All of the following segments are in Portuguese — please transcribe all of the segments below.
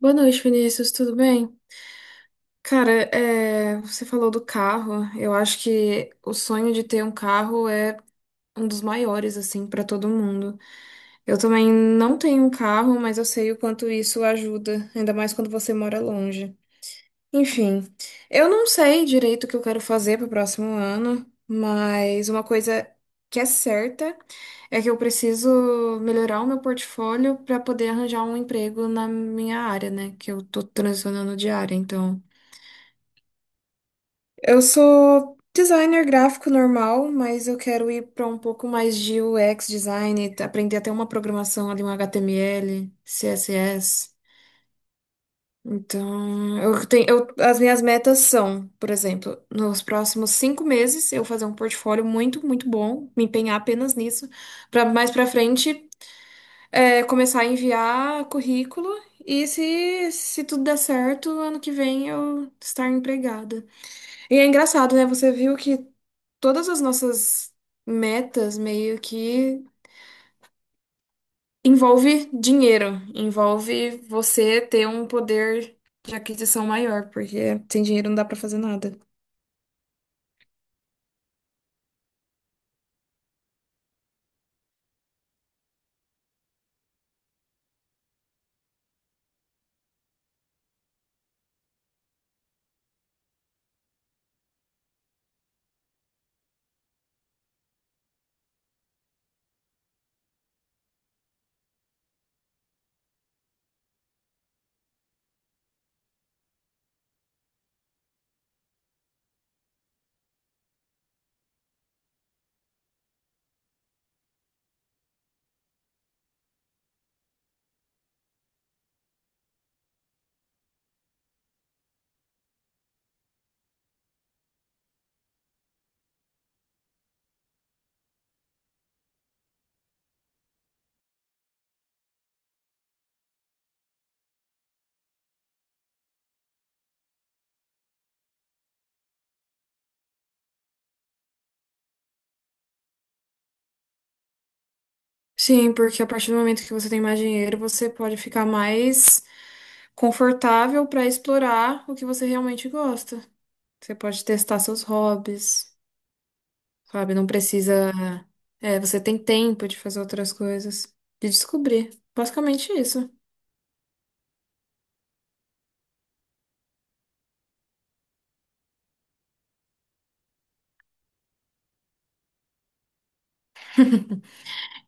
Boa noite, Vinícius, tudo bem? Cara, você falou do carro. Eu acho que o sonho de ter um carro é um dos maiores, assim, para todo mundo. Eu também não tenho um carro, mas eu sei o quanto isso ajuda, ainda mais quando você mora longe. Enfim, eu não sei direito o que eu quero fazer pro próximo ano, mas uma coisa que é certa é que eu preciso melhorar o meu portfólio para poder arranjar um emprego na minha área, né? Que eu tô transicionando de área, então. Eu sou designer gráfico normal, mas eu quero ir para um pouco mais de UX design, aprender até uma programação ali, um HTML, CSS. Então, as minhas metas são, por exemplo, nos próximos 5 meses, eu fazer um portfólio muito, muito bom, me empenhar apenas nisso, para mais para frente, começar a enviar currículo e se tudo der certo, ano que vem eu estar empregada. E é engraçado, né? Você viu que todas as nossas metas meio que envolve dinheiro, envolve você ter um poder de aquisição maior, porque sem dinheiro não dá pra fazer nada. Sim, porque a partir do momento que você tem mais dinheiro, você pode ficar mais confortável pra explorar o que você realmente gosta. Você pode testar seus hobbies, sabe? Não precisa. É, você tem tempo de fazer outras coisas, de descobrir. Basicamente isso.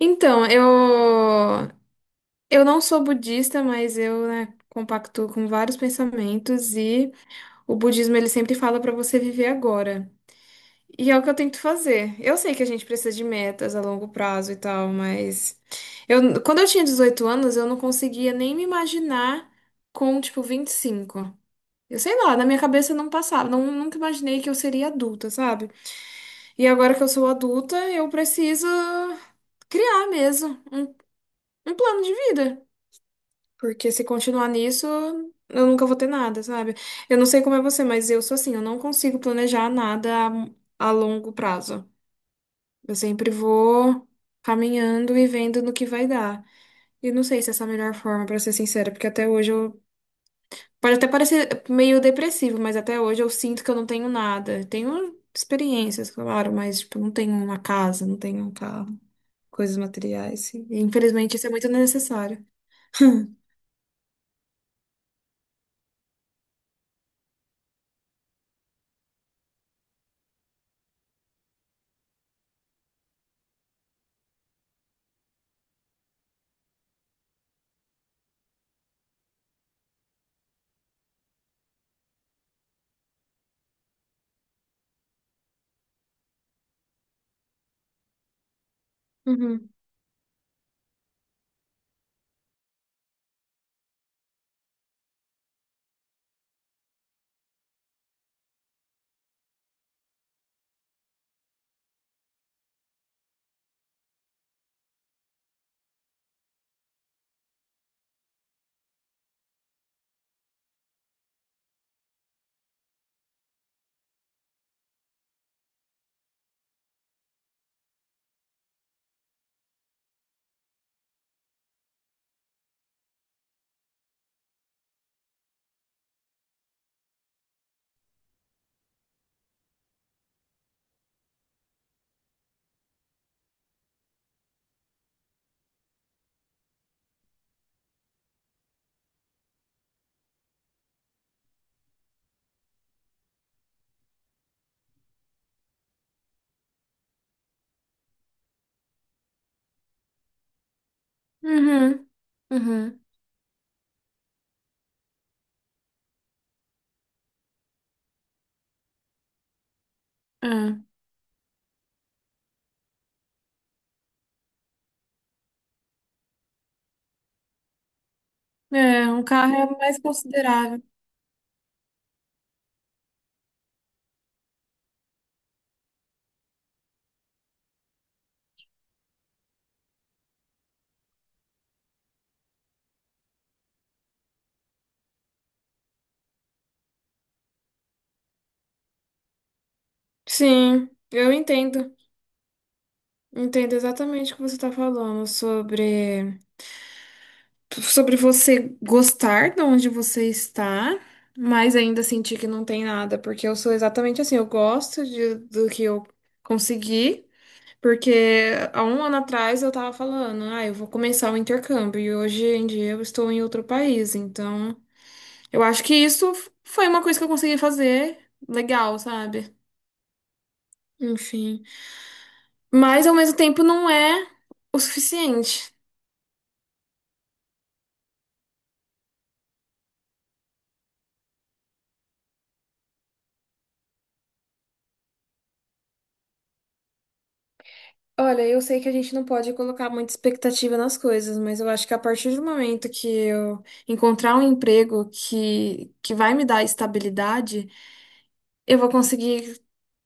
Então, eu não sou budista, mas eu, né, compactuo com vários pensamentos e o budismo ele sempre fala para você viver agora. E é o que eu tento fazer. Eu sei que a gente precisa de metas a longo prazo e tal, mas eu, quando eu tinha 18 anos, eu não conseguia nem me imaginar com, tipo, 25. Eu sei lá, na minha cabeça não passava, não, nunca imaginei que eu seria adulta, sabe? E agora que eu sou adulta, eu preciso criar mesmo um plano de vida. Porque se continuar nisso, eu nunca vou ter nada, sabe? Eu não sei como é você, mas eu sou assim, eu não consigo planejar nada a longo prazo. Eu sempre vou caminhando e vendo no que vai dar. E não sei se essa é a melhor forma, pra ser sincera, porque até hoje eu. Pode até parecer meio depressivo, mas até hoje eu sinto que eu não tenho nada. Tenho experiências, claro, mas tipo, não tenho uma casa, não tenho um carro, coisas materiais. E, infelizmente, isso é muito necessário. Uhum. Uhum. Uhum. É. É, um carro é mais considerável. Sim, eu entendo. Entendo exatamente o que você está falando sobre sobre você gostar de onde você está, mas ainda sentir que não tem nada, porque eu sou exatamente assim, eu gosto de, do que eu consegui, porque há 1 ano atrás eu estava falando, ah, eu vou começar o intercâmbio e hoje em dia eu estou em outro país, então eu acho que isso foi uma coisa que eu consegui fazer legal, sabe? Enfim. Mas ao mesmo tempo não é o suficiente. Olha, eu sei que a gente não pode colocar muita expectativa nas coisas, mas eu acho que a partir do momento que eu encontrar um emprego que vai me dar estabilidade, eu vou conseguir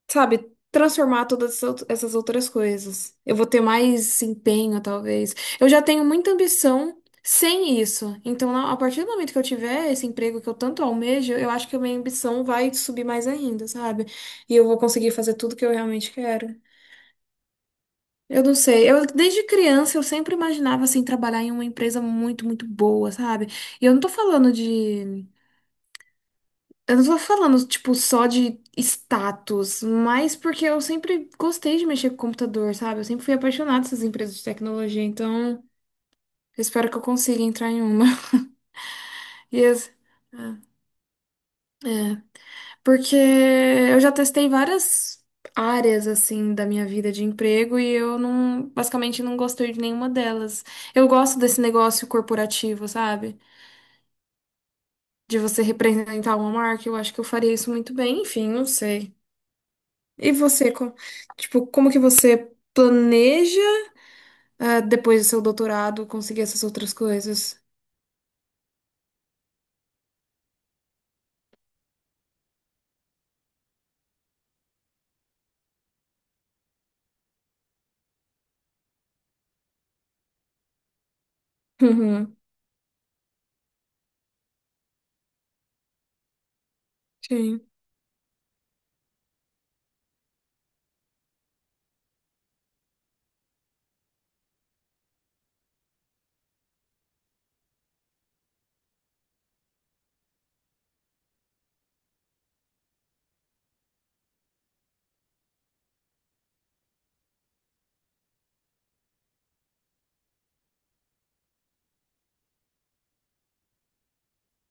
sabe, transformar todas essas essas outras coisas. Eu vou ter mais empenho, talvez. Eu já tenho muita ambição sem isso. Então, a partir do momento que eu tiver esse emprego que eu tanto almejo, eu acho que a minha ambição vai subir mais ainda, sabe? E eu vou conseguir fazer tudo que eu realmente quero. Eu não sei. Eu desde criança eu sempre imaginava assim trabalhar em uma empresa muito, muito boa, sabe? E eu não tô falando de Eu não tô falando, tipo, só de status, mas porque eu sempre gostei de mexer com computador, sabe? Eu sempre fui apaixonada dessas empresas de tecnologia, então eu espero que eu consiga entrar em uma. Yes. Porque eu já testei várias áreas, assim, da minha vida de emprego e eu não, basicamente não gostei de nenhuma delas. Eu gosto desse negócio corporativo, sabe? De você representar uma marca, eu acho que eu faria isso muito bem, enfim, não sei. E você, tipo, como que você planeja, ah, depois do seu doutorado, conseguir essas outras coisas? Uhum. Sim,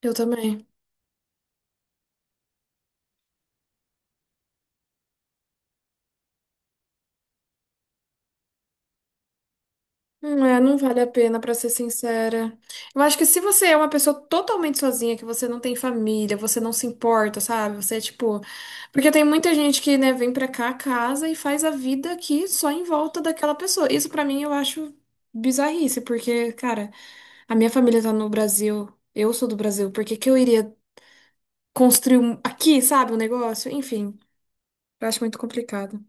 eu também. É, não vale a pena, pra ser sincera. Eu acho que se você é uma pessoa totalmente sozinha, que você não tem família, você não se importa, sabe? Você é tipo. Porque tem muita gente que, né, vem pra cá, casa e faz a vida aqui só em volta daquela pessoa. Isso pra mim eu acho bizarrice, porque, cara, a minha família tá no Brasil, eu sou do Brasil, por que que eu iria construir aqui, sabe, o negócio. Enfim, eu acho muito complicado.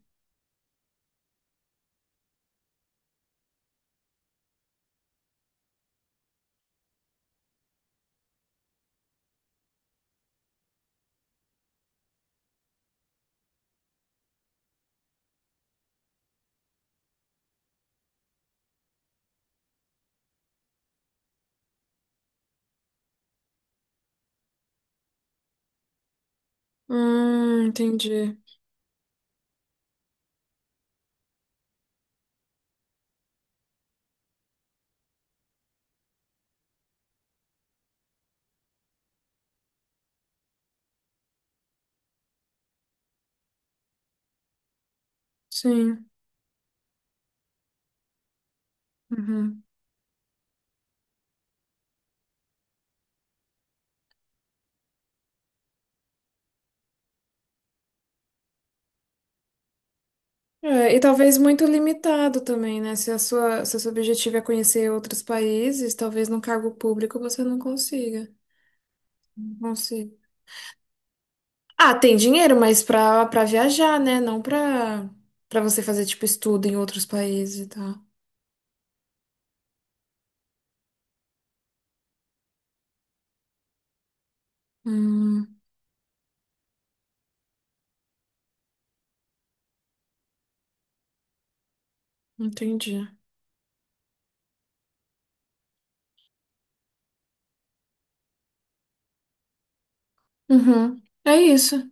Entendi. Sim. Uhum. É, e talvez muito limitado também, né? Se a sua, se o seu objetivo é conhecer outros países, talvez num cargo público você não consiga. Não consiga. Ah, tem dinheiro, mas pra viajar, né? Não pra, pra você fazer, tipo, estudo em outros países e tal. Hum, Entendi. Uhum. É isso.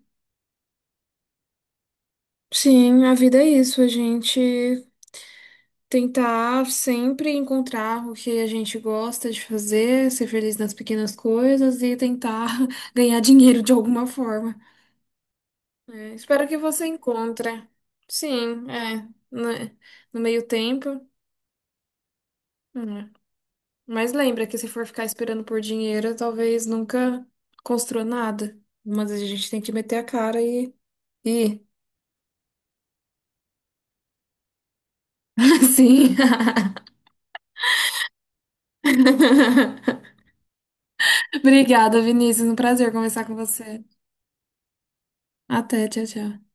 Sim, a vida é isso. A gente tentar sempre encontrar o que a gente gosta de fazer, ser feliz nas pequenas coisas e tentar ganhar dinheiro de alguma forma. É, espero que você encontre. Sim, é. Né. No meio tempo. Né. Mas lembra que se for ficar esperando por dinheiro, talvez nunca construa nada. Mas a gente tem que meter a cara e e Sim. Obrigada, Vinícius. Um prazer conversar com você. Até, tchau, tchau.